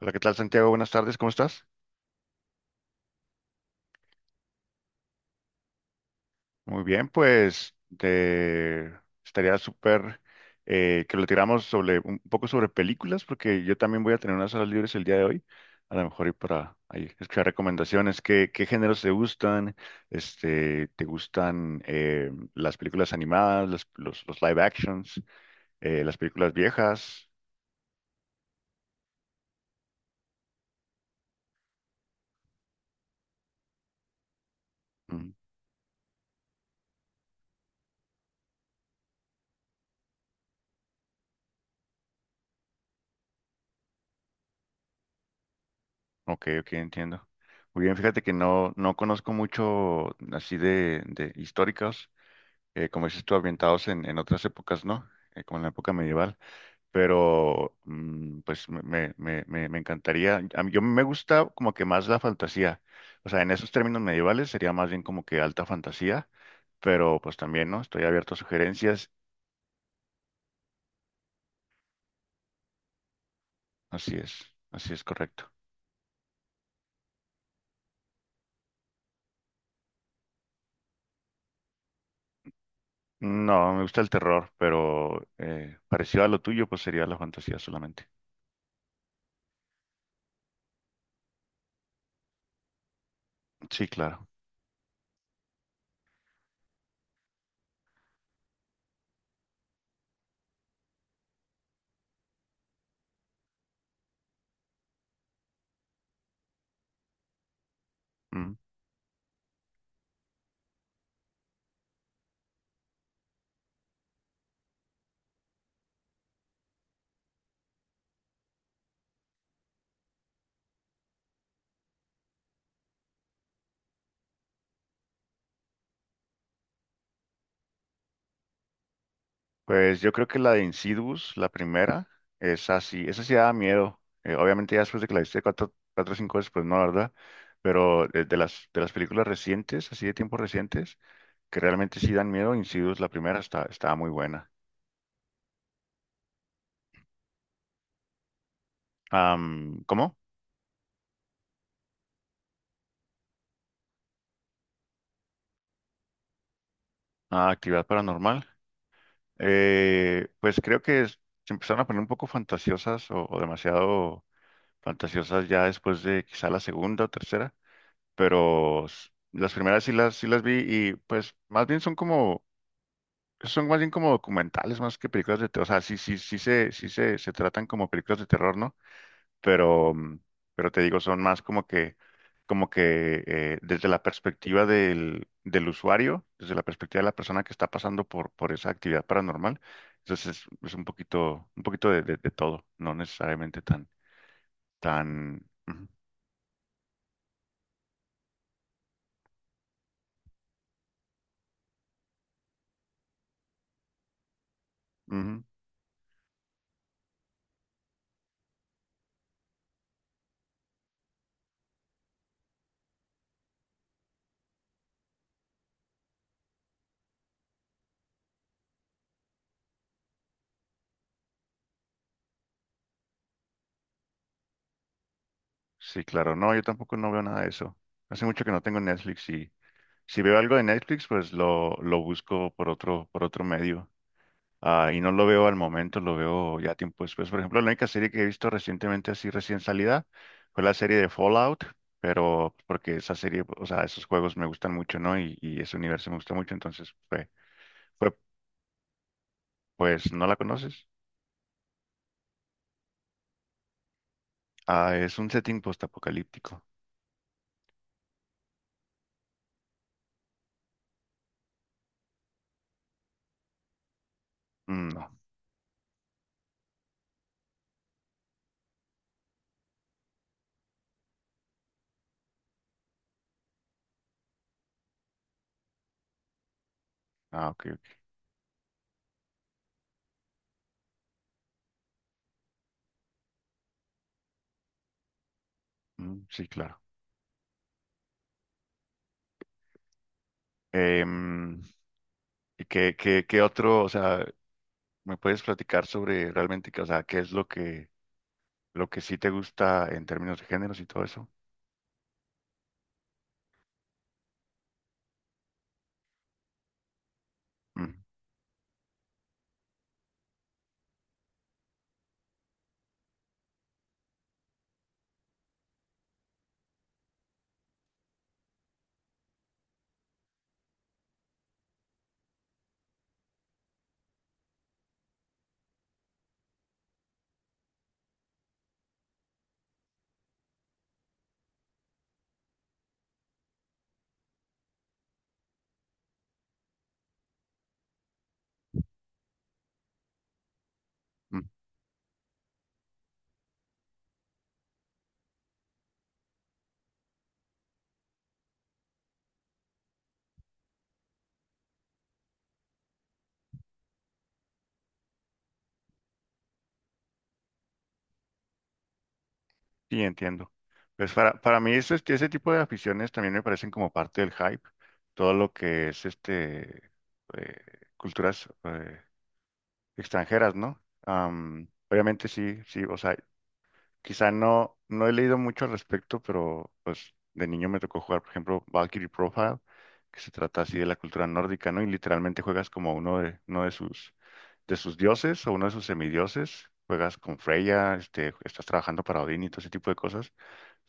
Hola, ¿qué tal, Santiago? Buenas tardes, ¿cómo estás? Muy bien, pues te... estaría súper que lo tiramos sobre un poco sobre películas, porque yo también voy a tener unas horas libres el día de hoy, a lo mejor ir para ahí, escuchar recomendaciones, qué géneros te gustan, este, te gustan las películas animadas, los live actions, las películas viejas. Mm, ok, ok, entiendo. Muy bien, fíjate que no conozco mucho así de históricas. Como dices tú, ambientados en otras épocas, ¿no? Como en la época medieval, pero pues me encantaría, a mí, yo me gusta como que más la fantasía, o sea, en esos términos medievales sería más bien como que alta fantasía, pero pues también, ¿no? Estoy abierto a sugerencias, así es, así es, correcto. No, me gusta el terror, pero parecido a lo tuyo, pues sería la fantasía solamente. Sí, claro. Pues yo creo que la de Insidious, la primera, es así, esa sí daba miedo. Obviamente ya después de que la viste cuatro, cuatro o cinco veces, pues no, la ¿verdad? Pero de las películas recientes, así de tiempos recientes, que realmente sí dan miedo, Insidious, la primera, está, estaba muy buena. Am, ¿cómo? Ah, actividad paranormal. Pues creo que se empezaron a poner un poco fantasiosas o demasiado fantasiosas ya después de quizá la segunda o tercera. Pero las primeras sí sí las vi y pues más bien son como, son más bien como documentales más que películas de terror, o sea, sí se tratan como películas de terror, ¿no? Pero, mm, pero te digo, son más como que desde la perspectiva del usuario, desde la perspectiva de la persona que está pasando por esa actividad paranormal, entonces es un poquito de todo, no necesariamente tan, tan... ujú, ujú. Sí, claro. No, yo tampoco no veo nada de eso. Hace mucho que no tengo Netflix, y si veo algo de Netflix, pues lo busco por otro medio. Ah, y no lo veo al momento, lo veo ya tiempo después. Por ejemplo, la única serie que he visto recientemente, así recién salida, fue la serie de Fallout, pero porque esa serie, o sea, esos juegos me gustan mucho, ¿no? Y ese universo me gusta mucho, entonces fue, fue, pues, ¿no la conoces? Ah, es un setting postapocalíptico. Mm, no. Ah, ok, ok. Mm, sí, claro. Em, ¿y qué, qué, qué otro, o sea, me puedes platicar sobre realmente, que, o sea, qué es lo que sí te gusta en términos de géneros y todo eso? Mm, mm, sí, entiendo. Pues para mí eso, este, ese tipo de aficiones también me parecen como parte del hype. Todo lo que es este eh, culturas extranjeras, ¿no? Am, obviamente sí, sí, o sea, quizá no, no he leído mucho al respecto, pero pues de niño me tocó jugar, por ejemplo, Valkyrie Profile, que se trata así de la cultura nórdica, ¿no? Y literalmente juegas como uno uno de sus dioses o uno de sus semidioses. Juegas con Freya, este, estás trabajando para Odín y todo ese tipo de cosas.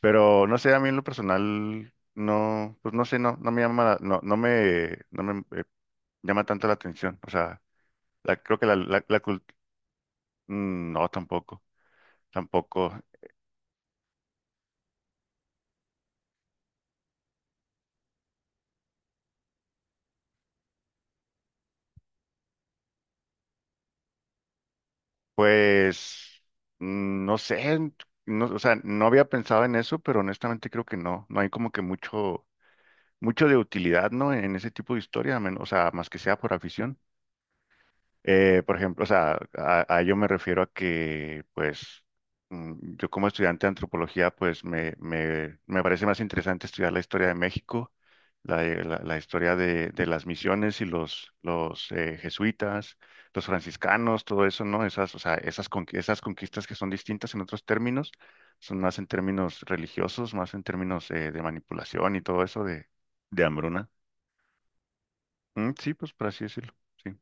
Pero no sé, a mí en lo personal, no, pues no sé, no, no me llama, no me, no me llama tanto la atención. O sea, creo que la mm, no, tampoco, tampoco. Pues mm, no sé, no, o sea, no había pensado en eso, pero honestamente creo que no, no hay como que mucho, mucho de utilidad, ¿no? En ese tipo de historia, o sea, más que sea por afición. Por ejemplo, o sea, a ello me refiero a que, pues, mm, yo como estudiante de antropología, pues, me parece más interesante estudiar la historia de México, la historia de las misiones y los jesuitas, los franciscanos, todo eso, ¿no? Esas, o sea, esas, esas conquistas que son distintas en otros términos, son más en términos religiosos, más en términos de manipulación y todo eso de hambruna. Mm, sí, pues, por así decirlo, sí.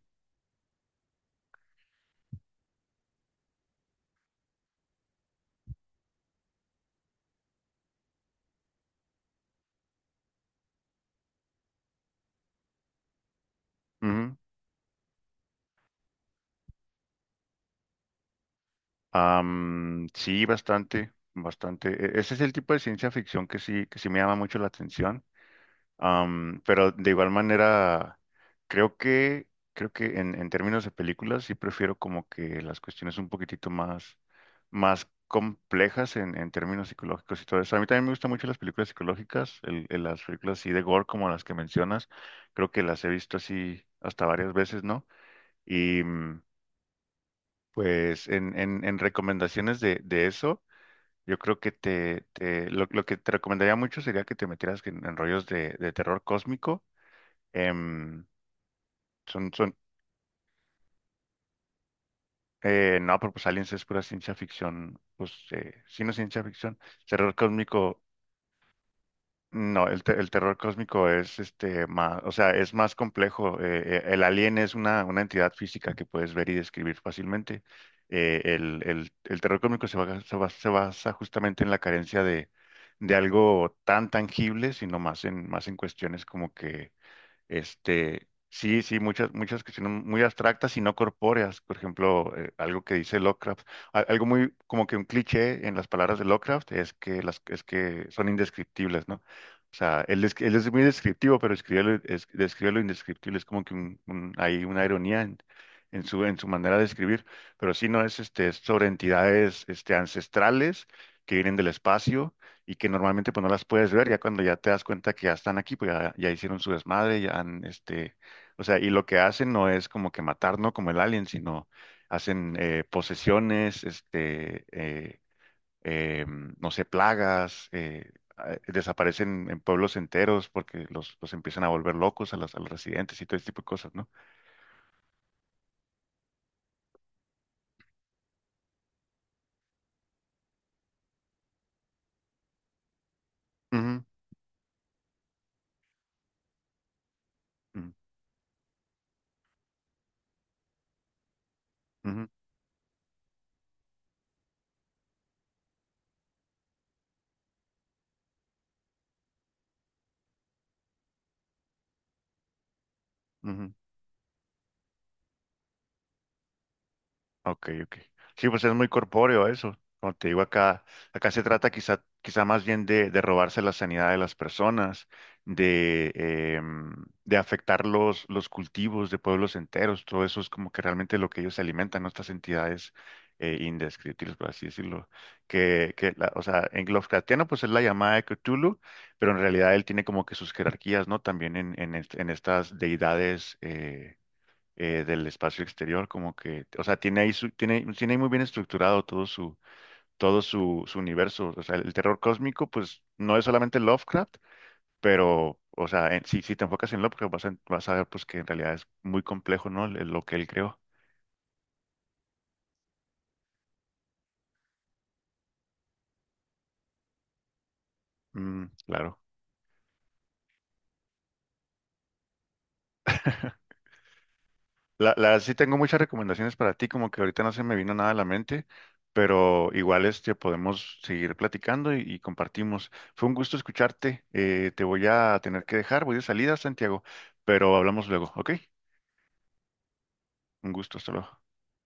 Am, sí, bastante, bastante. Ese es el tipo de ciencia ficción que sí me llama mucho la atención. Am, pero de igual manera, creo que, creo que en términos de películas sí prefiero como que las cuestiones un poquitito más, más complejas en términos psicológicos y todo eso. A mí también me gustan mucho las películas psicológicas, las películas así de gore como las que mencionas. Creo que las he visto así hasta varias veces, ¿no? Y mm, pues en recomendaciones de eso. Yo creo que lo que te recomendaría mucho sería que te metieras en rollos de terror cósmico. Em, son, son, no, pero pues Aliens es pura ciencia ficción, pues sí, no es ciencia ficción. Terror cósmico. No, el terror cósmico es este más, o sea, es más complejo. El alien es una entidad física que puedes ver y describir fácilmente. El terror cósmico se basa justamente en la carencia de algo tan tangible, sino más en, más en cuestiones como que este, sí, sí, muchas, muchas cuestiones muy abstractas y no corpóreas. Por ejemplo, algo que dice Lovecraft, algo muy como que un cliché en las palabras de Lovecraft es que las, es que son indescriptibles, ¿no? O sea, él, él es muy descriptivo, pero escribe lo, describe lo indescriptible. Es como que hay una ironía en su manera de escribir. Pero sí, no es, este, es sobre entidades, este, ancestrales que vienen del espacio y que normalmente pues no las puedes ver, ya cuando ya te das cuenta que ya están aquí, pues ya, ya hicieron su desmadre, ya han, este, o sea, y lo que hacen no es como que matar, no como el alien, sino hacen posesiones, este, no sé, plagas, desaparecen en pueblos enteros porque los empiezan a volver locos a a los residentes y todo ese tipo de cosas, ¿no? Ujú, ujú, ujú, ujú. Ok, ok. Sí, pues es muy corpóreo eso. Como te digo acá, acá se trata quizá, quizá más bien de robarse la sanidad de las personas, de, em, de afectar los cultivos de pueblos enteros. Todo eso es como que realmente lo que ellos se alimentan, ¿no? Estas entidades indescriptibles, por así decirlo. Que o sea, en lovecraftiano pues es la llamada de Cthulhu, pero en realidad él tiene como que sus jerarquías, ¿no? También en, en estas deidades del espacio exterior, como que, o sea, tiene, tiene ahí muy bien estructurado todo su, su universo. O sea, el terror cósmico, pues, no es solamente Lovecraft, pero, o sea, si, si te enfocas en Lovecraft, vas a, vas a ver, pues, que en realidad es muy complejo, ¿no? Lo que él creó. Mm, claro. Sí tengo muchas recomendaciones para ti, como que ahorita no se me vino nada a la mente, pero igual este podemos seguir platicando y compartimos. Fue un gusto escucharte. Te voy a tener que dejar, voy de salida, Santiago, pero hablamos luego, ¿ok? Un gusto, hasta luego.